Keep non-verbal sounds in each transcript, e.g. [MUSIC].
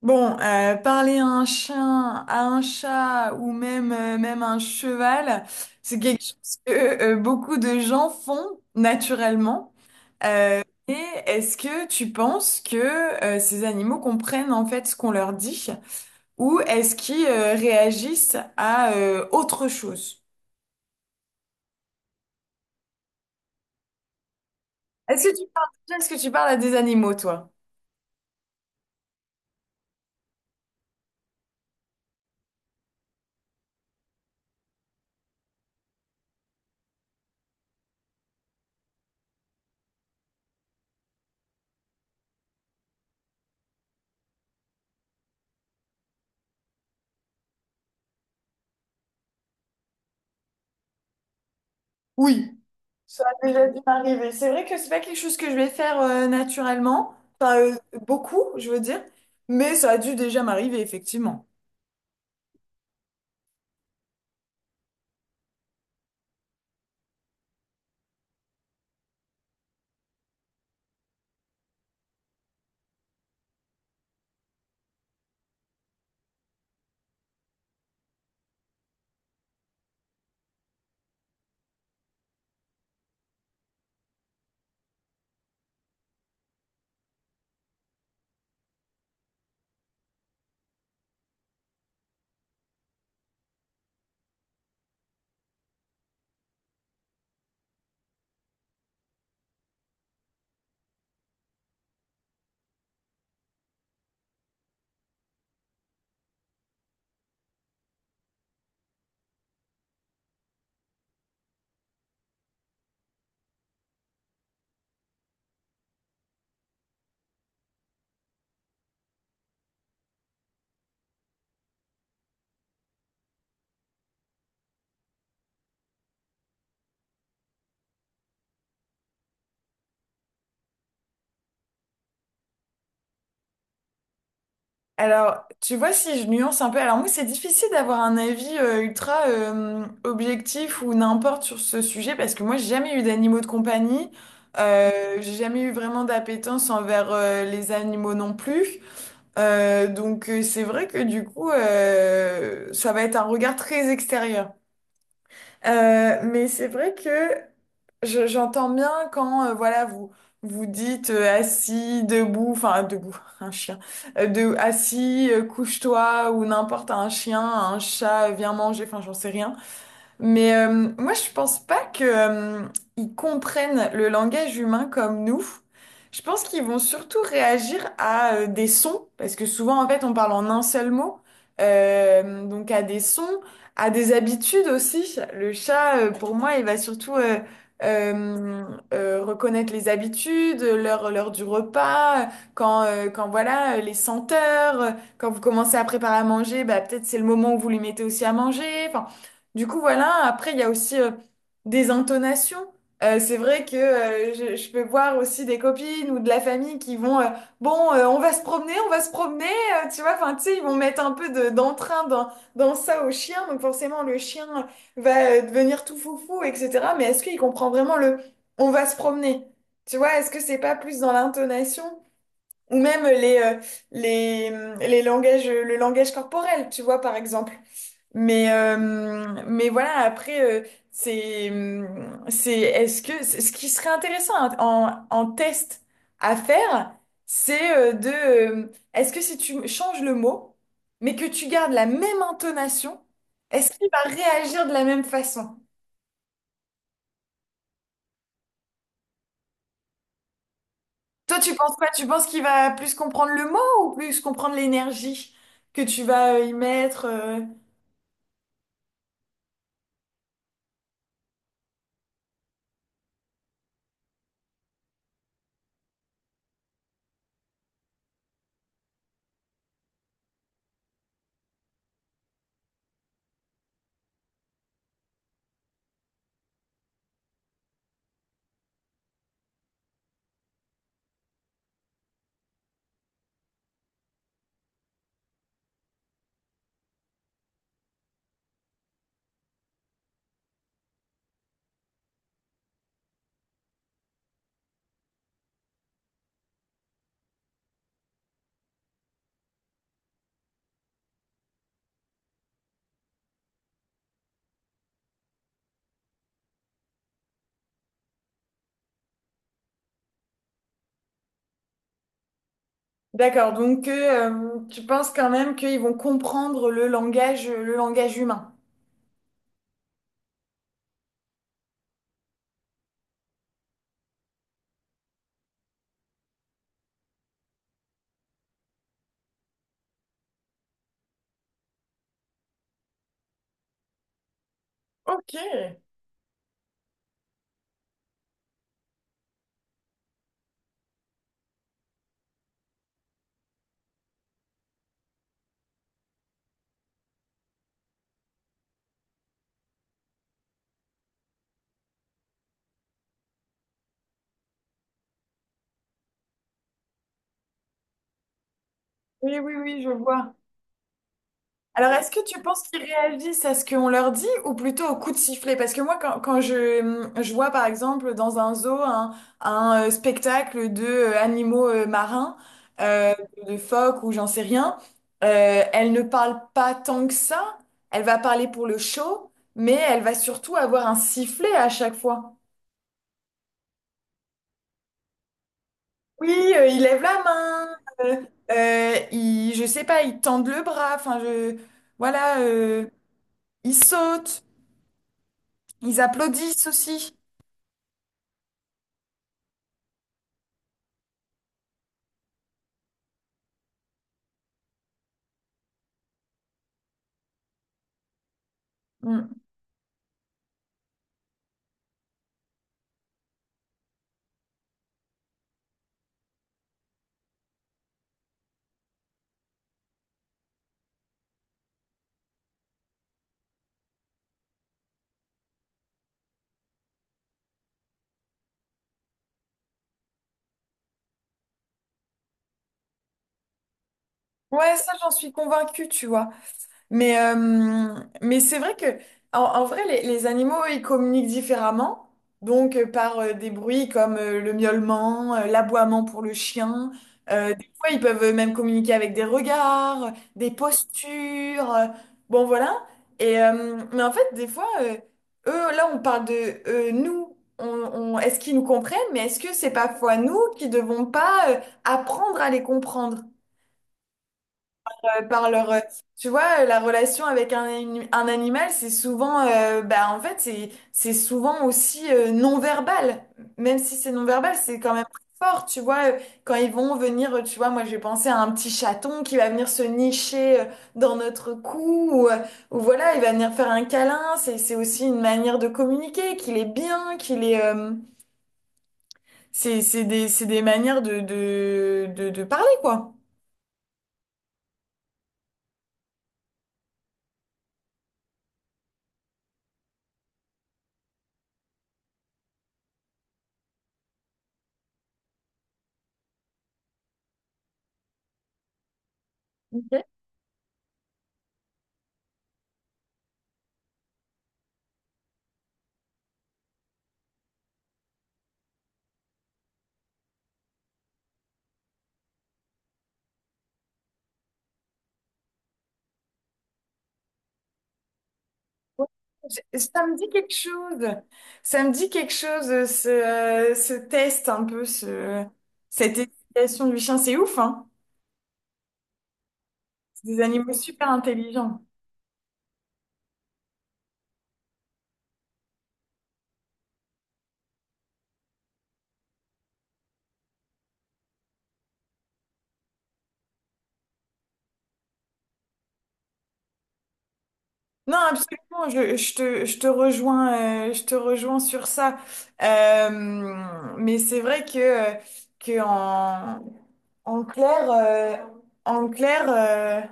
Bon, parler à un chien, à un chat ou même, même un cheval, c'est quelque chose que beaucoup de gens font naturellement. Euh, et est-ce que tu penses que ces animaux comprennent en fait ce qu'on leur dit ou est-ce qu'ils réagissent à autre chose? Est-ce que tu parles, est-ce que tu parles à des animaux, toi? Oui. Ça a déjà dû m'arriver. C'est vrai que c'est pas quelque chose que je vais faire naturellement, enfin euh, beaucoup, je veux dire, mais ça a dû déjà m'arriver, effectivement. Alors, tu vois, si je nuance un peu, alors moi, c'est difficile d'avoir un avis ultra objectif ou n'importe sur ce sujet, parce que moi, j'ai jamais eu d'animaux de compagnie, j'ai jamais eu vraiment d'appétence envers les animaux non plus. Donc, c'est vrai que du coup, ça va être un regard très extérieur. Mais c'est vrai que j'entends bien quand voilà vous dites assis, debout, enfin debout, [LAUGHS] un chien, de assis, couche-toi ou n'importe un chien, un chat, viens manger, enfin j'en sais rien. Mais moi, je pense pas que ils comprennent le langage humain comme nous. Je pense qu'ils vont surtout réagir à des sons, parce que souvent, en fait, on parle en un seul mot. Donc à des sons, à des habitudes aussi. Le chat, pour moi, il va surtout euh, reconnaître les habitudes, l'heure, l'heure du repas, quand, quand voilà, les senteurs, quand vous commencez à préparer à manger, bah, peut-être c'est le moment où vous lui mettez aussi à manger. Enfin, du coup, voilà, après, il y a aussi des intonations. C'est vrai que je peux voir aussi des copines ou de la famille qui vont, bon, on va se promener, on va se promener, tu vois, enfin, tu sais, ils vont mettre un peu d'entrain dans ça au chien, donc forcément, le chien va devenir tout foufou, etc. Mais est-ce qu'il comprend vraiment le on va se promener? Tu vois, est-ce que c'est pas plus dans l'intonation? Ou même les, les langages, le langage corporel, tu vois, par exemple. Mais, euh, mais voilà, après, c'est, est-ce que, ce qui serait intéressant en test à faire, c'est est-ce que si tu changes le mot, mais que tu gardes la même intonation, est-ce qu'il va réagir de la même façon? Toi, tu penses quoi? Tu penses qu'il va plus comprendre le mot ou plus comprendre l'énergie que tu vas y mettre? D'accord, donc tu penses quand même qu'ils vont comprendre le langage humain. Ok. Oui, oui, oui, je vois. Alors, est-ce que tu penses qu'ils réagissent à ce qu'on leur dit ou plutôt au coup de sifflet? Parce que moi, quand je je vois, par exemple, dans un zoo, spectacle de animaux marins, euh, de phoques ou j'en sais rien, elle ne parle pas tant que ça. Elle va parler pour le show, mais elle va surtout avoir un sifflet à chaque fois. Oui, il lève la main, euh, il, je sais pas, il tend le bras, voilà, ils sautent, ils applaudissent aussi. Mm. Ouais, ça, j'en suis convaincue, tu vois. Mais, euh, mais c'est vrai que, en vrai, les animaux, ils communiquent différemment. Donc, par des bruits comme le miaulement, l'aboiement pour le chien. Des fois, ils peuvent même communiquer avec des regards, des postures. Bon, voilà. Et, mais en fait, des fois, eux, là, on parle de nous. Est-ce qu'ils nous comprennent? Mais est-ce que c'est parfois nous qui devons pas apprendre à les comprendre? Par leur Tu vois la relation avec un animal, c'est souvent bah en fait c'est souvent aussi non verbal, même si c'est non verbal c'est quand même très fort, tu vois quand ils vont venir tu vois moi j'ai pensé à un petit chaton qui va venir se nicher dans notre cou ou voilà il va venir faire un câlin, c'est aussi une manière de communiquer qu'il est bien qu'il est c'est des manières de parler quoi. Ouais, ça me dit quelque chose. Ça me dit quelque chose, ce test un peu, cette éducation du chien. C'est ouf, hein? C'est des animaux super intelligents. Non, absolument, je te rejoins sur ça. Mais c'est vrai que, que en, en clair, euh, en clair, euh,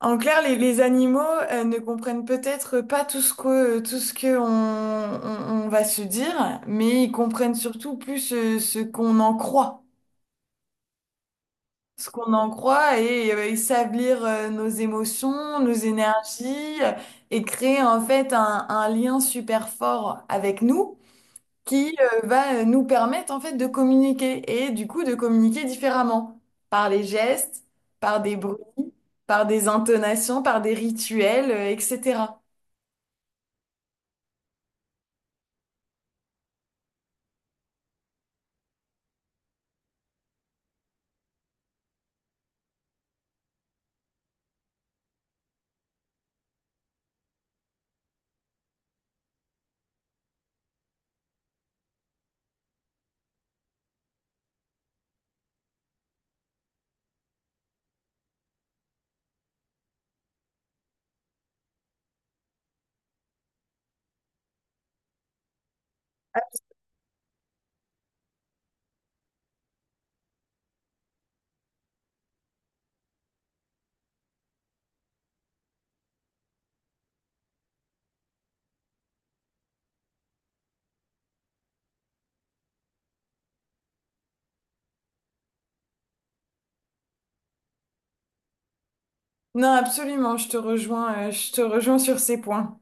en clair, les animaux ne comprennent peut-être pas tout ce que on va se dire, mais ils comprennent surtout plus ce qu'on en croit, ce qu'on en croit, et ils savent lire nos émotions, nos énergies, et créer en fait un lien super fort avec nous qui va nous permettre en fait de communiquer et du coup de communiquer différemment par les gestes, par des bruits, par des intonations, par des rituels, etc. Non, absolument, je te rejoins sur ces points.